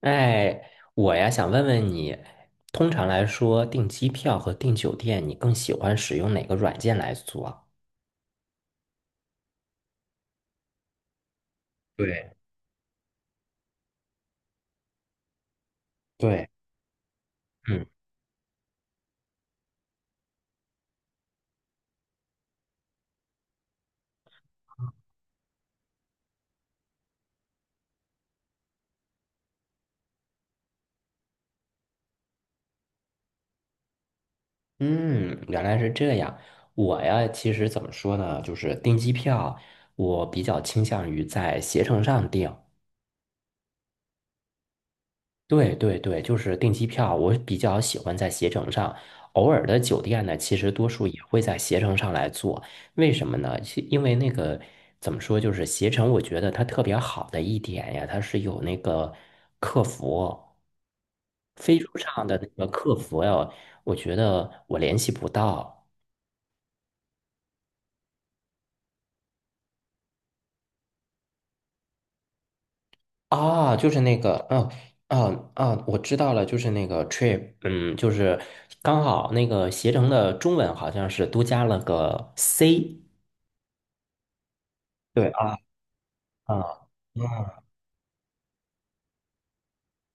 哎，我呀想问问你，通常来说，订机票和订酒店，你更喜欢使用哪个软件来做？对对，嗯嗯，原来是这样。我呀，其实怎么说呢，就是订机票，我比较倾向于在携程上订。对对对，就是订机票，我比较喜欢在携程上。偶尔的酒店呢，其实多数也会在携程上来做。为什么呢？其因为那个怎么说，就是携程，我觉得它特别好的一点呀，它是有那个客服，飞猪上的那个客服呀，我觉得我联系不到啊，就是那个，嗯、啊啊，我知道了，就是那个 trip，嗯，就是刚好那个携程的中文好像是多加了个 C，对啊啊啊，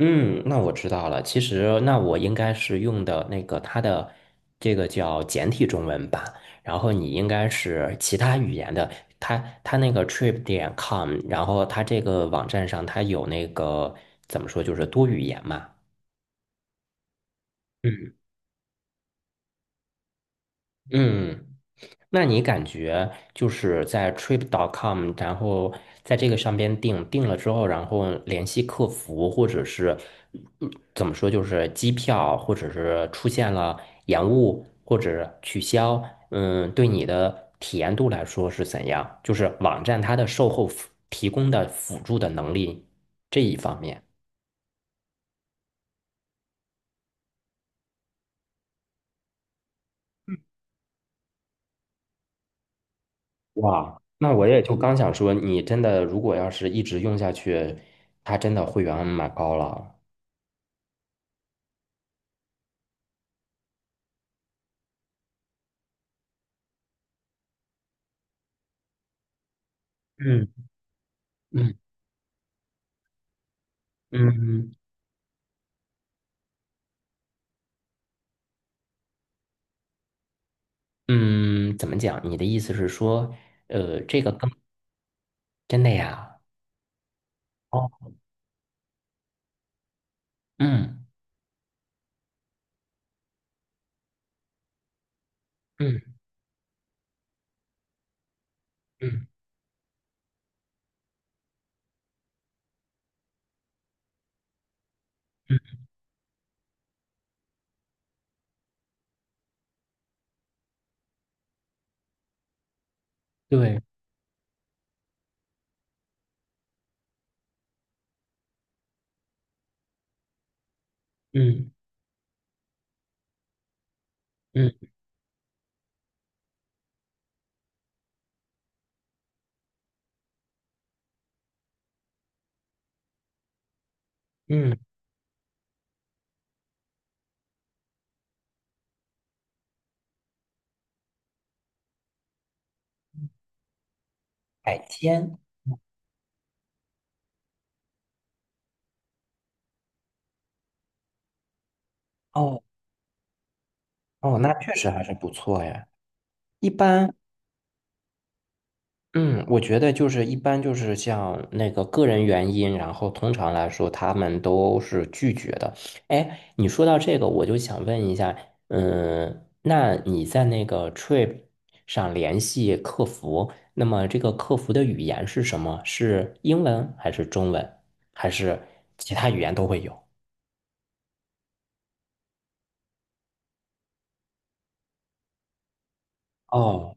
嗯，那我知道了。其实，那我应该是用的那个它的这个叫简体中文版，然后你应该是其他语言的。它它那个 trip 点 com，然后它这个网站上它有那个怎么说，就是多语言嘛。嗯嗯。那你感觉就是在 trip.com，然后在这个上边订了之后，然后联系客服，或者是嗯怎么说，就是机票，或者是出现了延误或者取消，对你的体验度来说是怎样？就是网站它的售后服提供的辅助的能力这一方面。哇，那我也就刚想说，你真的如果要是一直用下去，它真的会员蛮高了。嗯。嗯嗯嗯，怎么讲？你的意思是说，这个更真的呀？哦，嗯嗯嗯嗯，对，嗯嗯嗯，海鲜，哦哦，那确实还是不错呀。一般嗯，我觉得就是一般就是像那个个人原因，然后通常来说他们都是拒绝的。哎，你说到这个，我就想问一下，那你在那个 Trip 上联系客服，那么这个客服的语言是什么？是英文还是中文，还是其他语言都会有？哦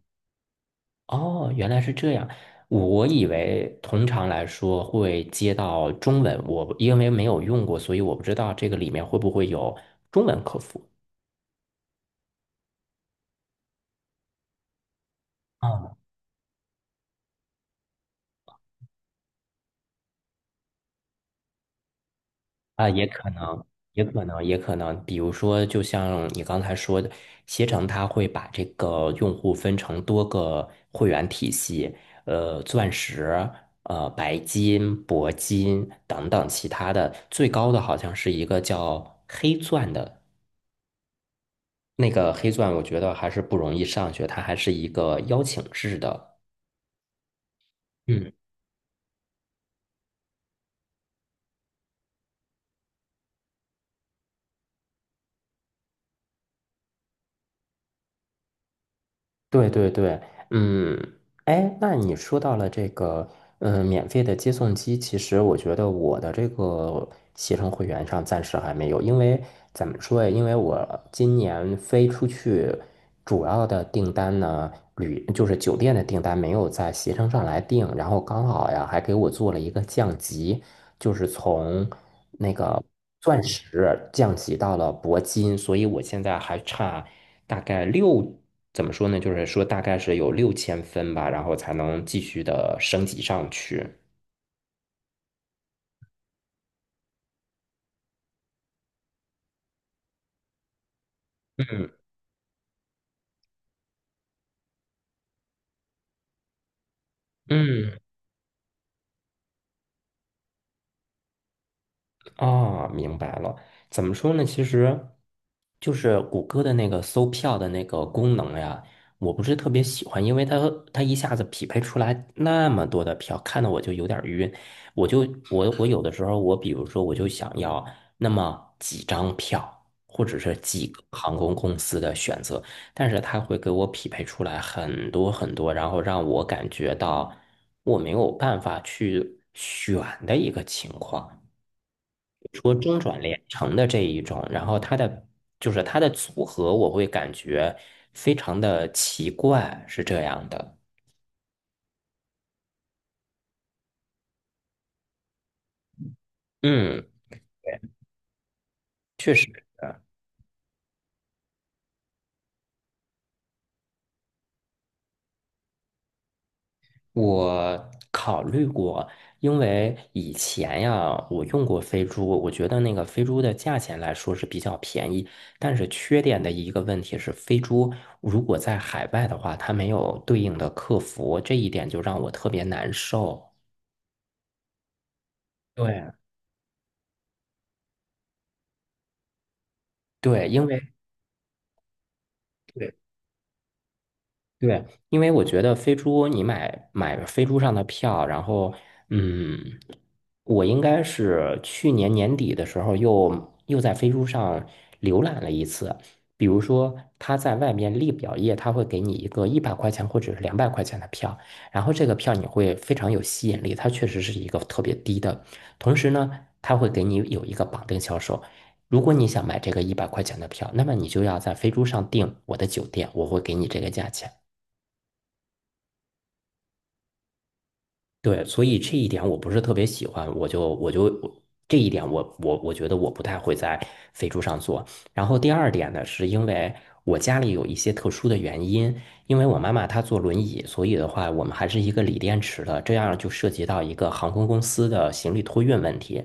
哦，原来是这样。我以为通常来说会接到中文，我因为没有用过，所以我不知道这个里面会不会有中文客服。啊啊，也可能，也可能，也可能。比如说，就像你刚才说的，携程它会把这个用户分成多个会员体系，钻石、白金、铂金等等其他的，最高的好像是一个叫黑钻的。那个黑钻，我觉得还是不容易上去，它还是一个邀请制的。嗯，对对对，嗯，哎，那你说到了这个，免费的接送机，其实我觉得我的这个携程会员上暂时还没有，因为怎么说呀？因为我今年飞出去主要的订单呢，就是酒店的订单没有在携程上来订，然后刚好呀还给我做了一个降级。就是从那个钻石降级到了铂金，所以我现在还差大概怎么说呢？就是说大概是有6000分吧，然后才能继续的升级上去。嗯嗯。啊，明白了。怎么说呢？其实就是谷歌的那个搜票的那个功能呀，我不是特别喜欢，因为它一下子匹配出来那么多的票，看得我就有点儿晕。我就我我有的时候，我比如说我就想要那么几张票，或者是几个航空公司的选择，但是它会给我匹配出来很多很多，然后让我感觉到我没有办法去选的一个情况。说中转连城的这一种，然后它的组合，我会感觉非常的奇怪，是这样的。嗯，确实，我考虑过，因为以前呀，我用过飞猪，我觉得那个飞猪的价钱来说是比较便宜，但是缺点的一个问题是，飞猪如果在海外的话，它没有对应的客服，这一点就让我特别难受。对对，对对，因为我觉得飞猪，你买飞猪上的票，然后，嗯，我应该是去年年底的时候又在飞猪上浏览了一次。比如说，他在外面立表页，他会给你一个一百块钱或者是200块钱的票，然后这个票你会非常有吸引力，它确实是一个特别低的。同时呢，他会给你有一个绑定销售。如果你想买这个一百块钱的票，那么你就要在飞猪上订我的酒店，我会给你这个价钱。对，所以这一点我不是特别喜欢，我这一点我觉得我不太会在飞猪上做。然后第二点呢，是因为我家里有一些特殊的原因，因为我妈妈她坐轮椅，所以的话我们还是一个锂电池的，这样就涉及到一个航空公司的行李托运问题。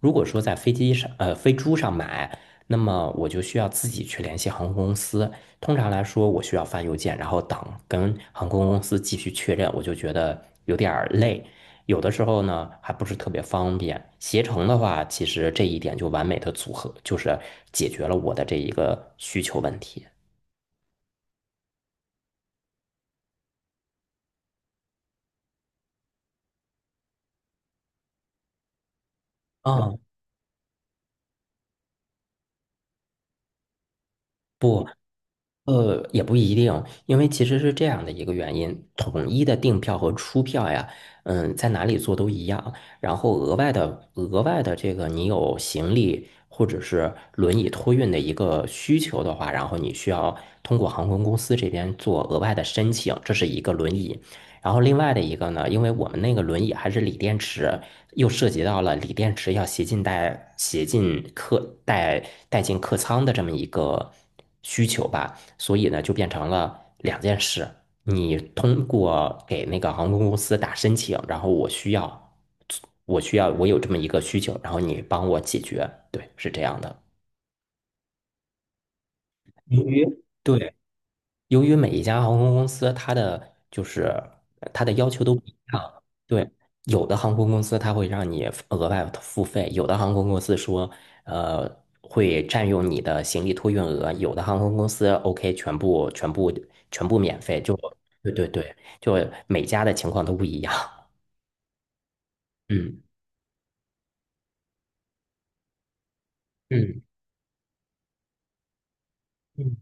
如果说在飞猪上买，那么我就需要自己去联系航空公司，通常来说，我需要发邮件，然后等跟航空公司继续确认，我就觉得有点儿累。有的时候呢，还不是特别方便。携程的话，其实这一点就完美的组合，就是解决了我的这一个需求问题。啊，不，也不一定，因为其实是这样的一个原因，统一的订票和出票呀，在哪里做都一样。然后额外的这个，你有行李或者是轮椅托运的一个需求的话，然后你需要通过航空公司这边做额外的申请，这是一个轮椅。然后另外的一个呢，因为我们那个轮椅还是锂电池，又涉及到了锂电池要携进带、携进客带带进客舱的这么一个需求吧。所以呢，就变成了两件事：你通过给那个航空公司打申请，然后我需要，我有这么一个需求，然后你帮我解决。对，是这样的。嗯对，由于每一家航空公司它的要求都不一样，对，有的航空公司它会让你额外付费，有的航空公司说，呃，会占用你的行李托运额，有的航空公司 OK 全部全部全部免费，就对对对，就每家的情况都不一样。嗯嗯嗯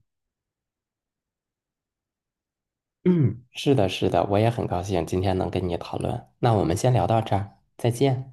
嗯，是的，是的，我也很高兴今天能跟你讨论。那我们先聊到这儿，再见。